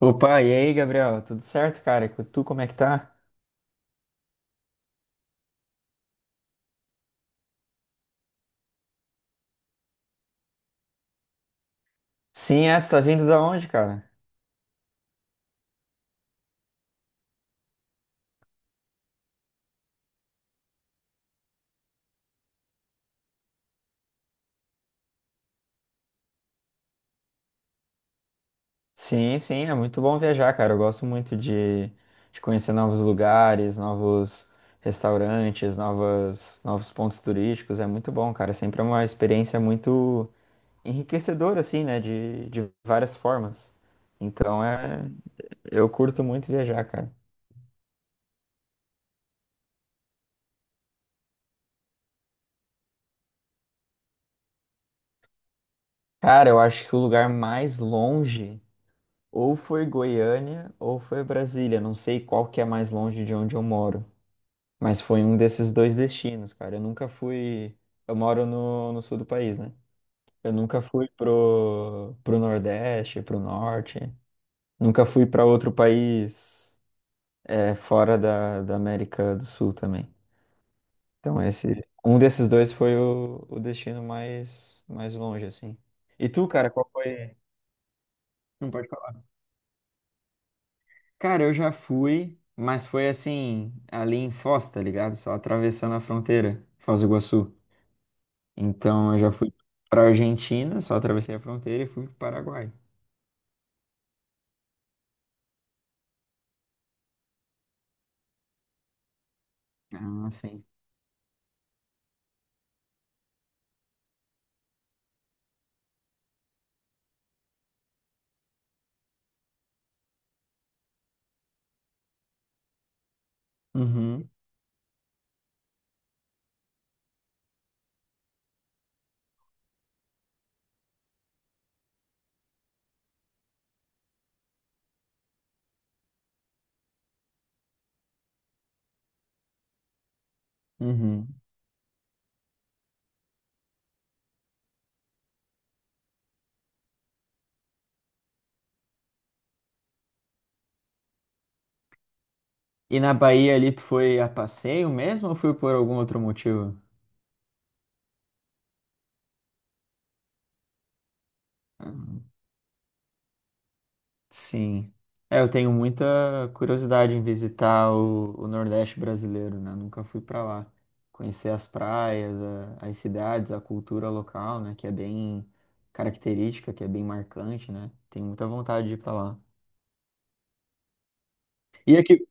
Opa, e aí, Gabriel? Tudo certo, cara? E tu, como é que tá? Sim, é, tu tá vindo da onde, cara? Sim, sim, é muito bom viajar, cara. Eu gosto muito de conhecer novos lugares, novos restaurantes, novos pontos turísticos. É muito bom, cara. Sempre é uma experiência muito enriquecedora, assim, né? De várias formas. Então, eu curto muito viajar, cara. Cara, eu acho que o lugar mais longe. Ou foi Goiânia ou foi Brasília. Não sei qual que é mais longe de onde eu moro. Mas foi um desses dois destinos, cara. Eu nunca fui. Eu moro no sul do país, né? Eu nunca fui pro Nordeste, pro Norte. Nunca fui para outro país fora da América do Sul também. Então, um desses dois foi o destino mais longe, assim. E tu, cara, qual foi? Não pode falar. Cara, eu já fui, mas foi assim, ali em Foz, tá ligado? Só atravessando a fronteira, Foz do Iguaçu. Então eu já fui pra Argentina, só atravessei a fronteira e fui pro Paraguai. Ah, sim. Uhum, uhum. E na Bahia ali, tu foi a passeio mesmo ou foi por algum outro motivo? Sim. É, eu tenho muita curiosidade em visitar o Nordeste brasileiro, né? Nunca fui para lá. Conhecer as praias, as cidades, a cultura local, né? Que é bem característica, que é bem marcante, né? Tenho muita vontade de ir para lá. E aqui,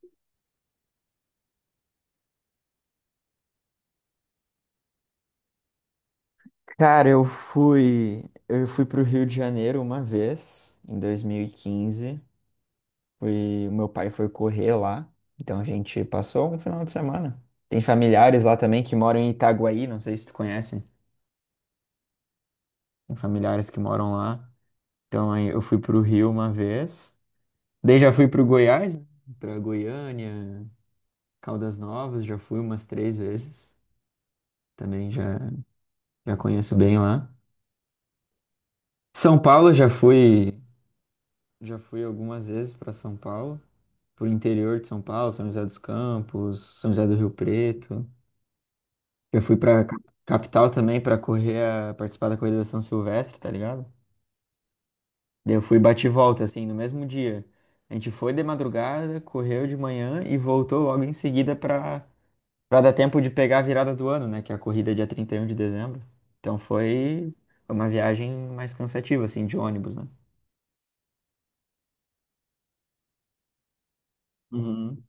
cara, eu fui pro Rio de Janeiro uma vez, em 2015. Fui, meu pai foi correr lá, então a gente passou um final de semana. Tem familiares lá também que moram em Itaguaí, não sei se tu conhece. Tem familiares que moram lá. Então aí eu fui pro Rio uma vez. Daí já fui pro Goiás, né? Pra Goiânia, Caldas Novas, já fui umas 3 vezes. Também já, já conheço bem lá. São Paulo já fui algumas vezes para São Paulo, pro interior de São Paulo, São José dos Campos, São José do Rio Preto. Já fui pra ca- Capital também para correr, participar da corrida da São Silvestre, tá ligado? Daí eu fui bate e volta, assim, no mesmo dia. A gente foi de madrugada, correu de manhã e voltou logo em seguida para dar tempo de pegar a virada do ano, né? Que é a corrida é dia 31 de dezembro. Então foi uma viagem mais cansativa, assim, de ônibus, né? Uhum.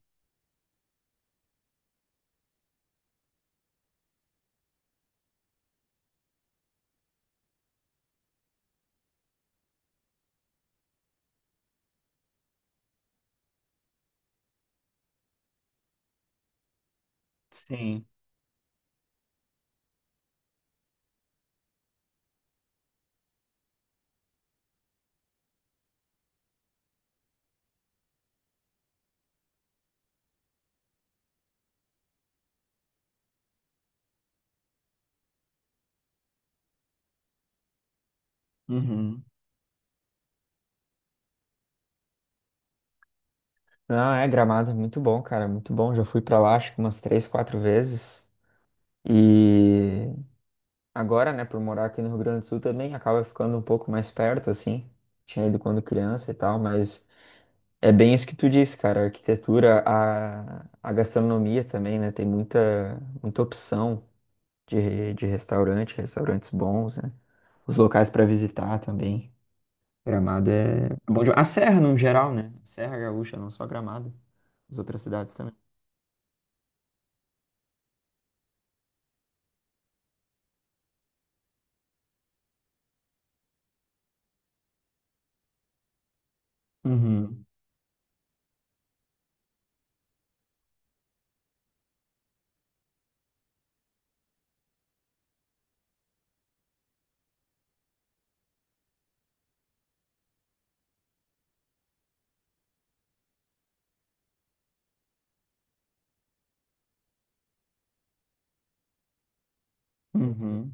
Sim. Uhum. Não, é Gramado, é muito bom, cara, muito bom. Já fui pra lá, acho que umas 3, 4 vezes. E agora, né, por morar aqui no Rio Grande do Sul também, acaba ficando um pouco mais perto, assim. Tinha ido quando criança e tal, mas é bem isso que tu disse, cara. A arquitetura, a gastronomia também, né? Tem muita opção de restaurante, restaurantes bons, né? Os locais para visitar também. Gramado é bom demais. A Serra, no geral, né? Serra Gaúcha, não só Gramado. As outras cidades também. Uhum, uhum,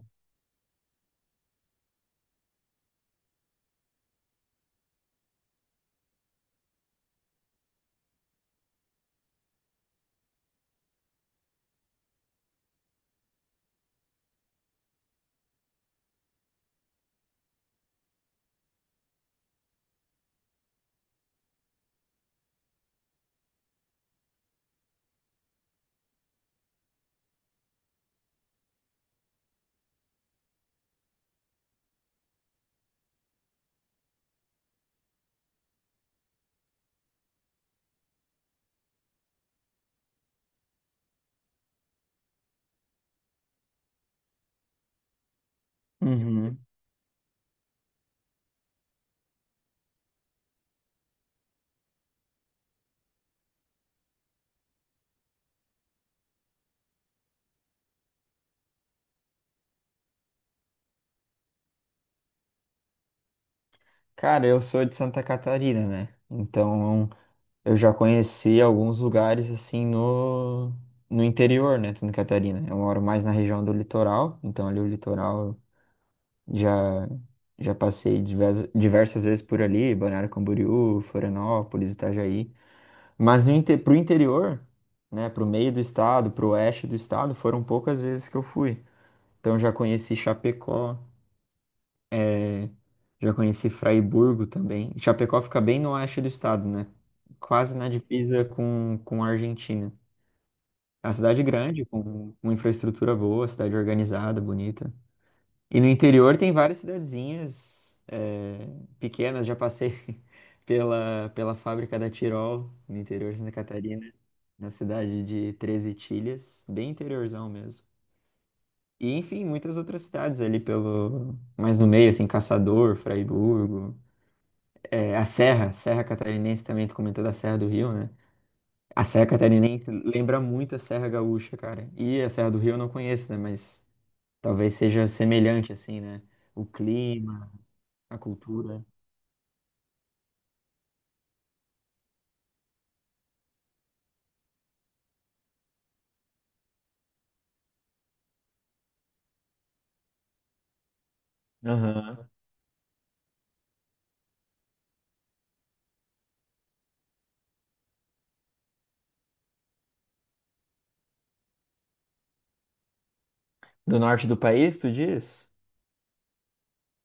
uhum. Cara, eu sou de Santa Catarina, né? Então, eu já conheci alguns lugares assim no interior, né, de Santa Catarina. Eu moro mais na região do litoral, então ali o litoral eu já já passei diversas vezes por ali, Balneário Camboriú, Florianópolis, Itajaí. Mas no inte, Pro interior, né, pro meio do estado, pro oeste do estado, foram poucas vezes que eu fui. Então eu já conheci Chapecó, já conheci Fraiburgo também. Chapecó fica bem no oeste do estado, né? Quase na divisa com a Argentina. É uma cidade grande, com uma infraestrutura boa, cidade organizada, bonita. E no interior tem várias cidadezinhas pequenas. Já passei pela fábrica da Tirol, no interior de Santa Catarina, na cidade de Treze Itilhas, bem interiorzão mesmo. E, enfim, muitas outras cidades ali pelo... Mais no meio, assim, Caçador, Fraiburgo. A Serra, Serra Catarinense também, tu comentou da Serra do Rio, né? A Serra Catarinense lembra muito a Serra Gaúcha, cara. E a Serra do Rio eu não conheço, né? Mas talvez seja semelhante, assim, né? O clima, a cultura. Aham. Do norte do país, tu diz?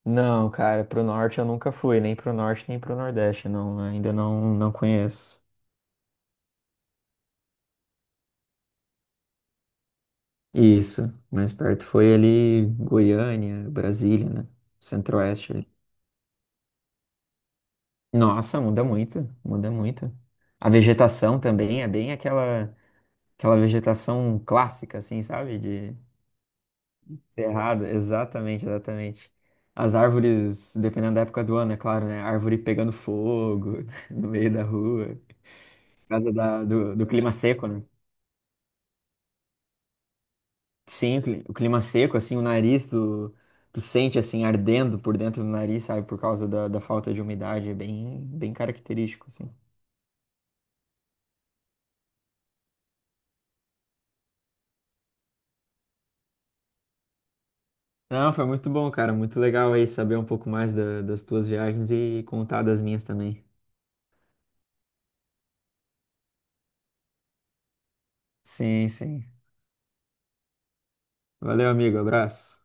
Não, cara, pro norte eu nunca fui, nem pro norte nem pro nordeste, não, ainda não, não conheço. Isso, mais perto foi ali Goiânia, Brasília, né? Centro-Oeste ali. Nossa, muda muito, muda muito. A vegetação também é bem aquela, aquela vegetação clássica, assim, sabe? De Cerrado, exatamente, exatamente. As árvores, dependendo da época do ano, é claro, né? Árvore pegando fogo no meio da rua, por causa do clima seco, né? Sim, o clima seco, assim, o nariz, tu sente, assim, ardendo por dentro do nariz, sabe? Por causa da falta de umidade, é bem característico, assim. Não, foi muito bom, cara, muito legal aí saber um pouco mais das tuas viagens e contar das minhas também. Sim, sim. Valeu, amigo, abraço.